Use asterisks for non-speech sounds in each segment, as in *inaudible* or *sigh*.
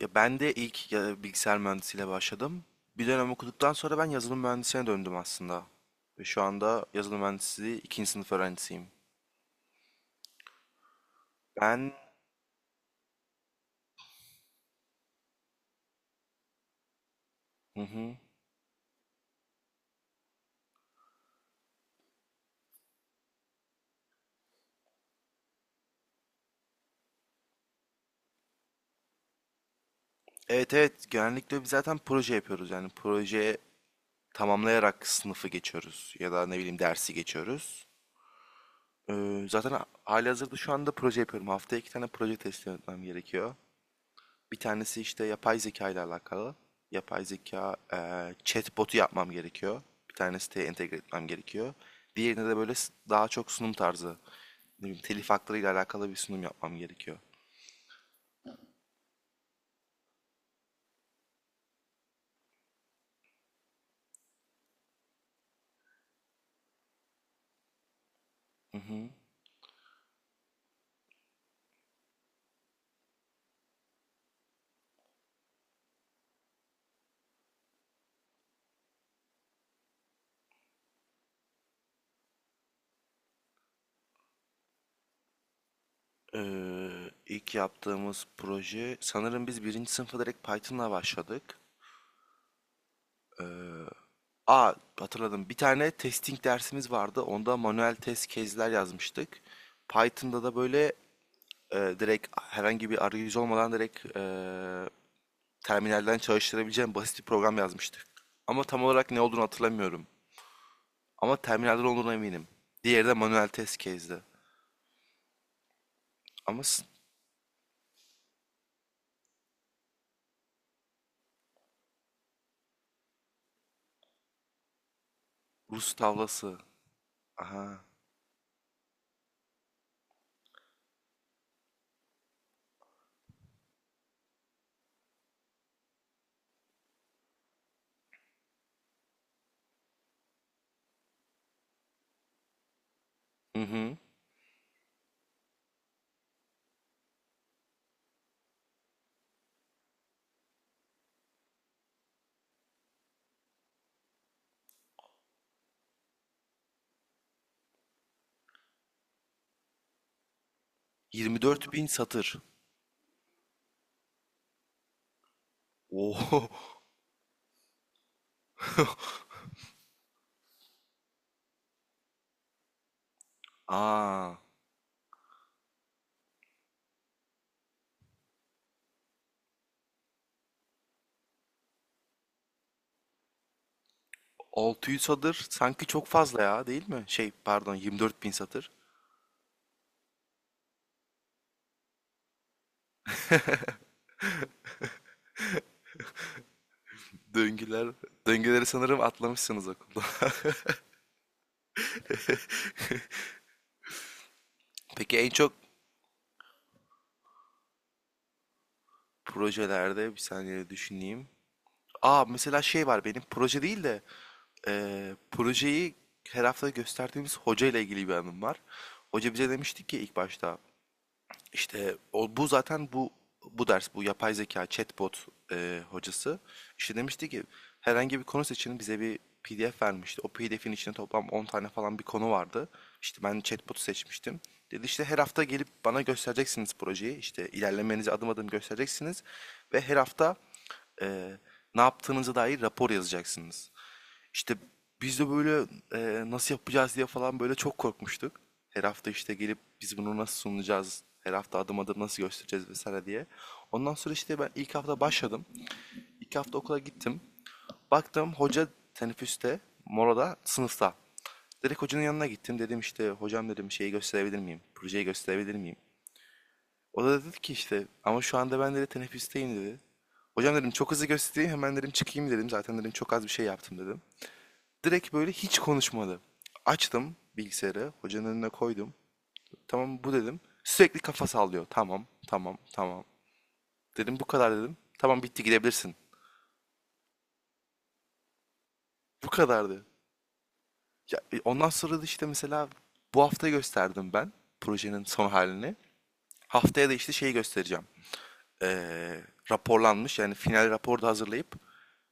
Ya ben de ilk ya, bilgisayar mühendisiyle başladım. Bir dönem okuduktan sonra ben yazılım mühendisine döndüm aslında. Ve şu anda yazılım mühendisliği ikinci sınıf öğrencisiyim. Ben hı hı. Evet evet, genellikle biz zaten proje yapıyoruz. Yani proje tamamlayarak sınıfı geçiyoruz ya da ne bileyim dersi geçiyoruz. Zaten halihazırda şu anda proje yapıyorum. Haftaya iki tane proje teslim etmem gerekiyor. Bir tanesi işte yapay zeka ile alakalı. Yapay zeka chatbot'u yapmam gerekiyor. Bir tane siteye entegre etmem gerekiyor. Diğerinde de böyle daha çok sunum tarzı. Ne bileyim, telif haklarıyla alakalı bir sunum yapmam gerekiyor. Hı hı. İlk yaptığımız proje sanırım biz birinci sınıfa direkt Python'la başladık. Eee aa Hatırladım. Bir tane testing dersimiz vardı. Onda manuel test case'ler yazmıştık. Python'da da böyle direkt herhangi bir arayüz olmadan direkt terminalden çalıştırabileceğim basit bir program yazmıştık. Ama tam olarak ne olduğunu hatırlamıyorum. Ama terminalden olduğuna eminim. Diğeri de manuel test case'di. Ama s- Rus tavlası. Aha. Hı hı. 24 bin satır. Oo. *laughs* Aa. 600 satır sanki çok fazla ya, değil mi? Şey, pardon, 24 bin satır. Döngüler, Döngüleri sanırım atlamışsınız okulda. *laughs* Peki, en çok projelerde bir saniye düşüneyim. Aa, mesela şey var, benim proje değil de projeyi her hafta gösterdiğimiz hoca ile ilgili bir anım var. Hoca bize demişti ki ilk başta işte o, bu zaten bu bu ders, bu yapay zeka chatbot hocası işte demişti ki herhangi bir konu seçin, bize bir PDF vermişti. O PDF'in içinde toplam 10 tane falan bir konu vardı. İşte ben chatbot'u seçmiştim. Dedi işte her hafta gelip bana göstereceksiniz projeyi. İşte ilerlemenizi adım adım göstereceksiniz ve her hafta e, ne yaptığınıza dair rapor yazacaksınız. İşte biz de böyle nasıl yapacağız diye falan böyle çok korkmuştuk. Her hafta işte gelip biz bunu nasıl sunacağız, her hafta adım adım nasıl göstereceğiz vesaire diye. Ondan sonra işte ben ilk hafta başladım. İlk hafta okula gittim. Baktım hoca teneffüste, molada, sınıfta. Direkt hocanın yanına gittim. Dedim işte hocam, dedim, şeyi gösterebilir miyim? Projeyi gösterebilir miyim? O da dedi ki işte ama şu anda ben, dedi, teneffüsteyim, dedi. Hocam, dedim, çok hızlı göstereyim hemen, dedim, çıkayım, dedim. Zaten, dedim, çok az bir şey yaptım, dedim. Direkt böyle hiç konuşmadı. Açtım bilgisayarı, hocanın önüne koydum. Tamam bu, dedim. Sürekli kafa sallıyor. Tamam, tamam, tamam. Dedim bu kadar, dedim. Tamam, bitti, gidebilirsin. Bu kadardı. Ya, ondan sonra da işte mesela bu hafta gösterdim ben projenin son halini. Haftaya da işte şeyi göstereceğim. Ee, Raporlanmış, yani final raporu da hazırlayıp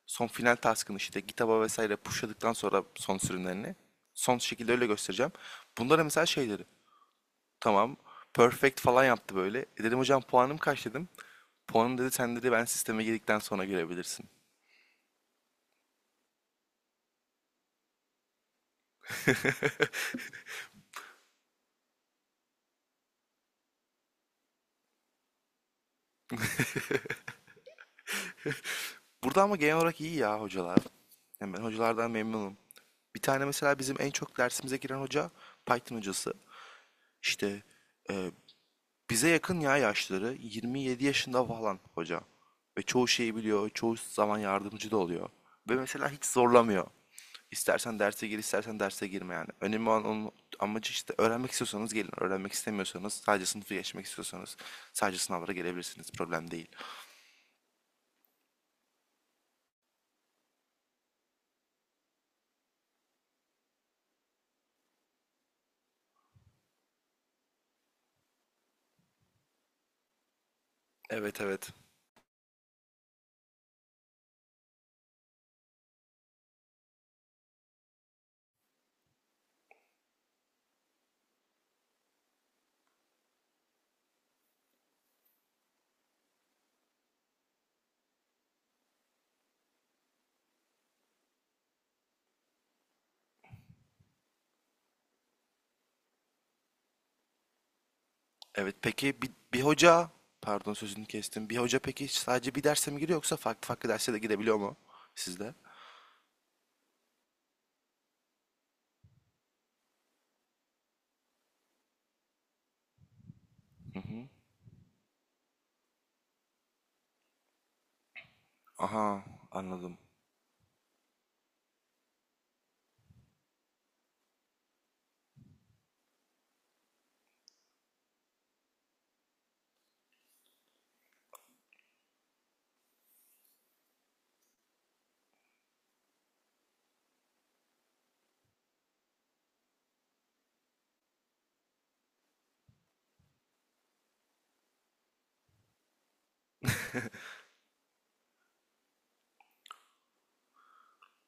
son final taskını işte GitHub'a vesaire pushladıktan sonra son sürümlerini son şekilde öyle göstereceğim. Bunlara mesela şeyleri. Tamam. Perfect falan yaptı böyle. E dedim hocam, puanım kaç, dedim. Puanım, dedi, sen, dedi, ben sisteme girdikten sonra görebilirsin. Burada ama genel olarak iyi ya hocalar. Yani ben hocalardan memnunum. Bir tane mesela bizim en çok dersimize giren hoca Python hocası. İşte e, bize yakın ya yaşları. 27 yaşında falan hoca. Ve çoğu şeyi biliyor. Çoğu zaman yardımcı da oluyor. Ve mesela hiç zorlamıyor. İstersen derse gir, istersen derse girme yani. Önemli olan onun amacı işte öğrenmek istiyorsanız gelin. Öğrenmek istemiyorsanız, sadece sınıfı geçmek istiyorsanız sadece sınavlara gelebilirsiniz. Problem değil. Evet, evet. Evet, peki pardon sözünü kestim. Bir hoca peki sadece bir derse mi giriyor yoksa farklı farklı derse de girebiliyor mu sizde? Hı hı. Aha, anladım.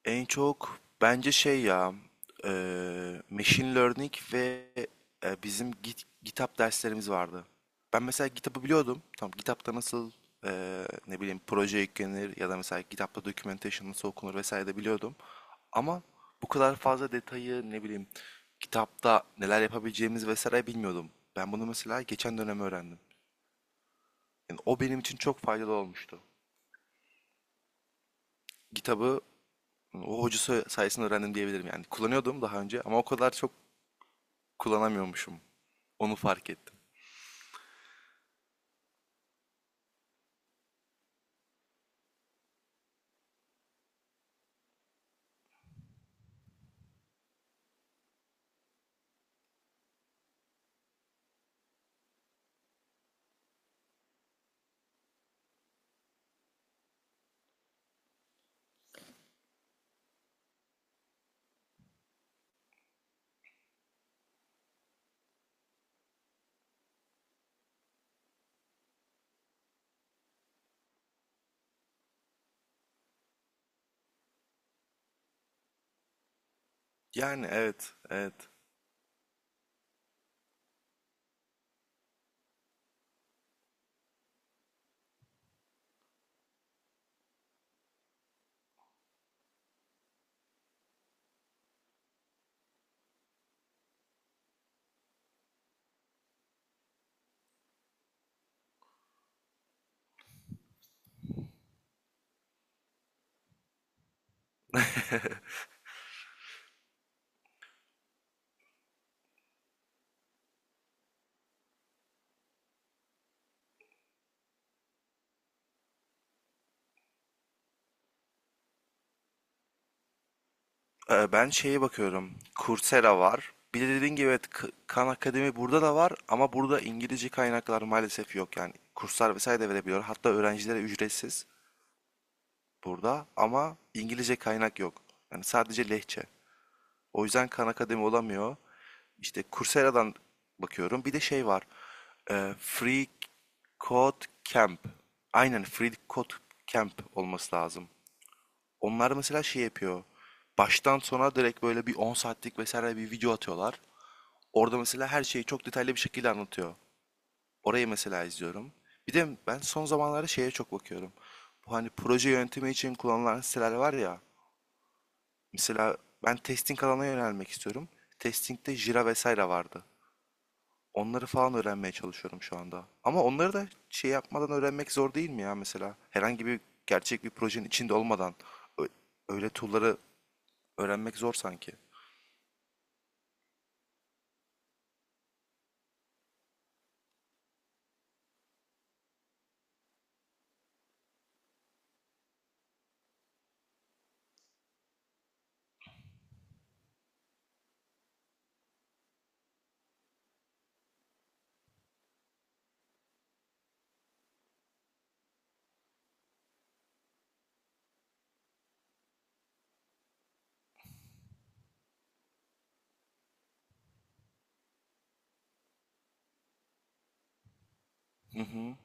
En çok bence şey ya e, machine learning ve bizim GitHub derslerimiz vardı. Ben mesela GitHub'ı biliyordum. Tamam, GitHub'da nasıl ne bileyim proje yüklenir ya da mesela GitHub'da documentation nasıl okunur vesaire de biliyordum. Ama bu kadar fazla detayı ne bileyim kitapta neler yapabileceğimiz vesaire bilmiyordum. Ben bunu mesela geçen dönem öğrendim. Yani o benim için çok faydalı olmuştu. Kitabı o hocası sayesinde öğrendim diyebilirim yani. Kullanıyordum daha önce ama o kadar çok kullanamıyormuşum. Onu fark ettim. Yani evet, evet. Ben şeye bakıyorum. Coursera var. Bir de dediğin gibi evet, Khan Akademi burada da var ama burada İngilizce kaynaklar maalesef yok. Yani kurslar vesaire de verebiliyor. Hatta öğrencilere ücretsiz burada, ama İngilizce kaynak yok. Yani sadece lehçe. O yüzden Khan Akademi olamıyor. İşte Coursera'dan bakıyorum. Bir de şey var. Free Code Camp. Aynen, Free Code Camp olması lazım. Onlar mesela şey yapıyor. Baştan sona direkt böyle bir 10 saatlik vesaire bir video atıyorlar. Orada mesela her şeyi çok detaylı bir şekilde anlatıyor. Orayı mesela izliyorum. Bir de ben son zamanlarda şeye çok bakıyorum. Bu hani proje yönetimi için kullanılan siteler var ya. Mesela ben testing alanına yönelmek istiyorum. Testing'de Jira vesaire vardı. Onları falan öğrenmeye çalışıyorum şu anda. Ama onları da şey yapmadan öğrenmek zor değil mi ya, mesela? Herhangi bir gerçek bir projenin içinde olmadan ö- öyle tool'ları öğrenmek zor sanki. Hı hı,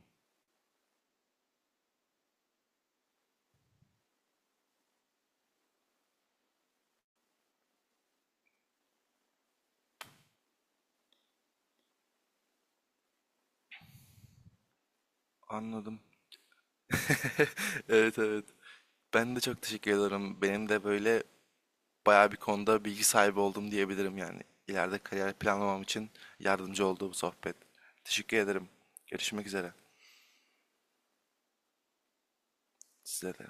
anladım. *laughs* Evet, evet. Ben de çok teşekkür ederim. Benim de böyle bayağı bir konuda bilgi sahibi oldum diyebilirim yani. İleride kariyer planlamam için yardımcı oldu bu sohbet. Teşekkür ederim. Görüşmek üzere. Size de.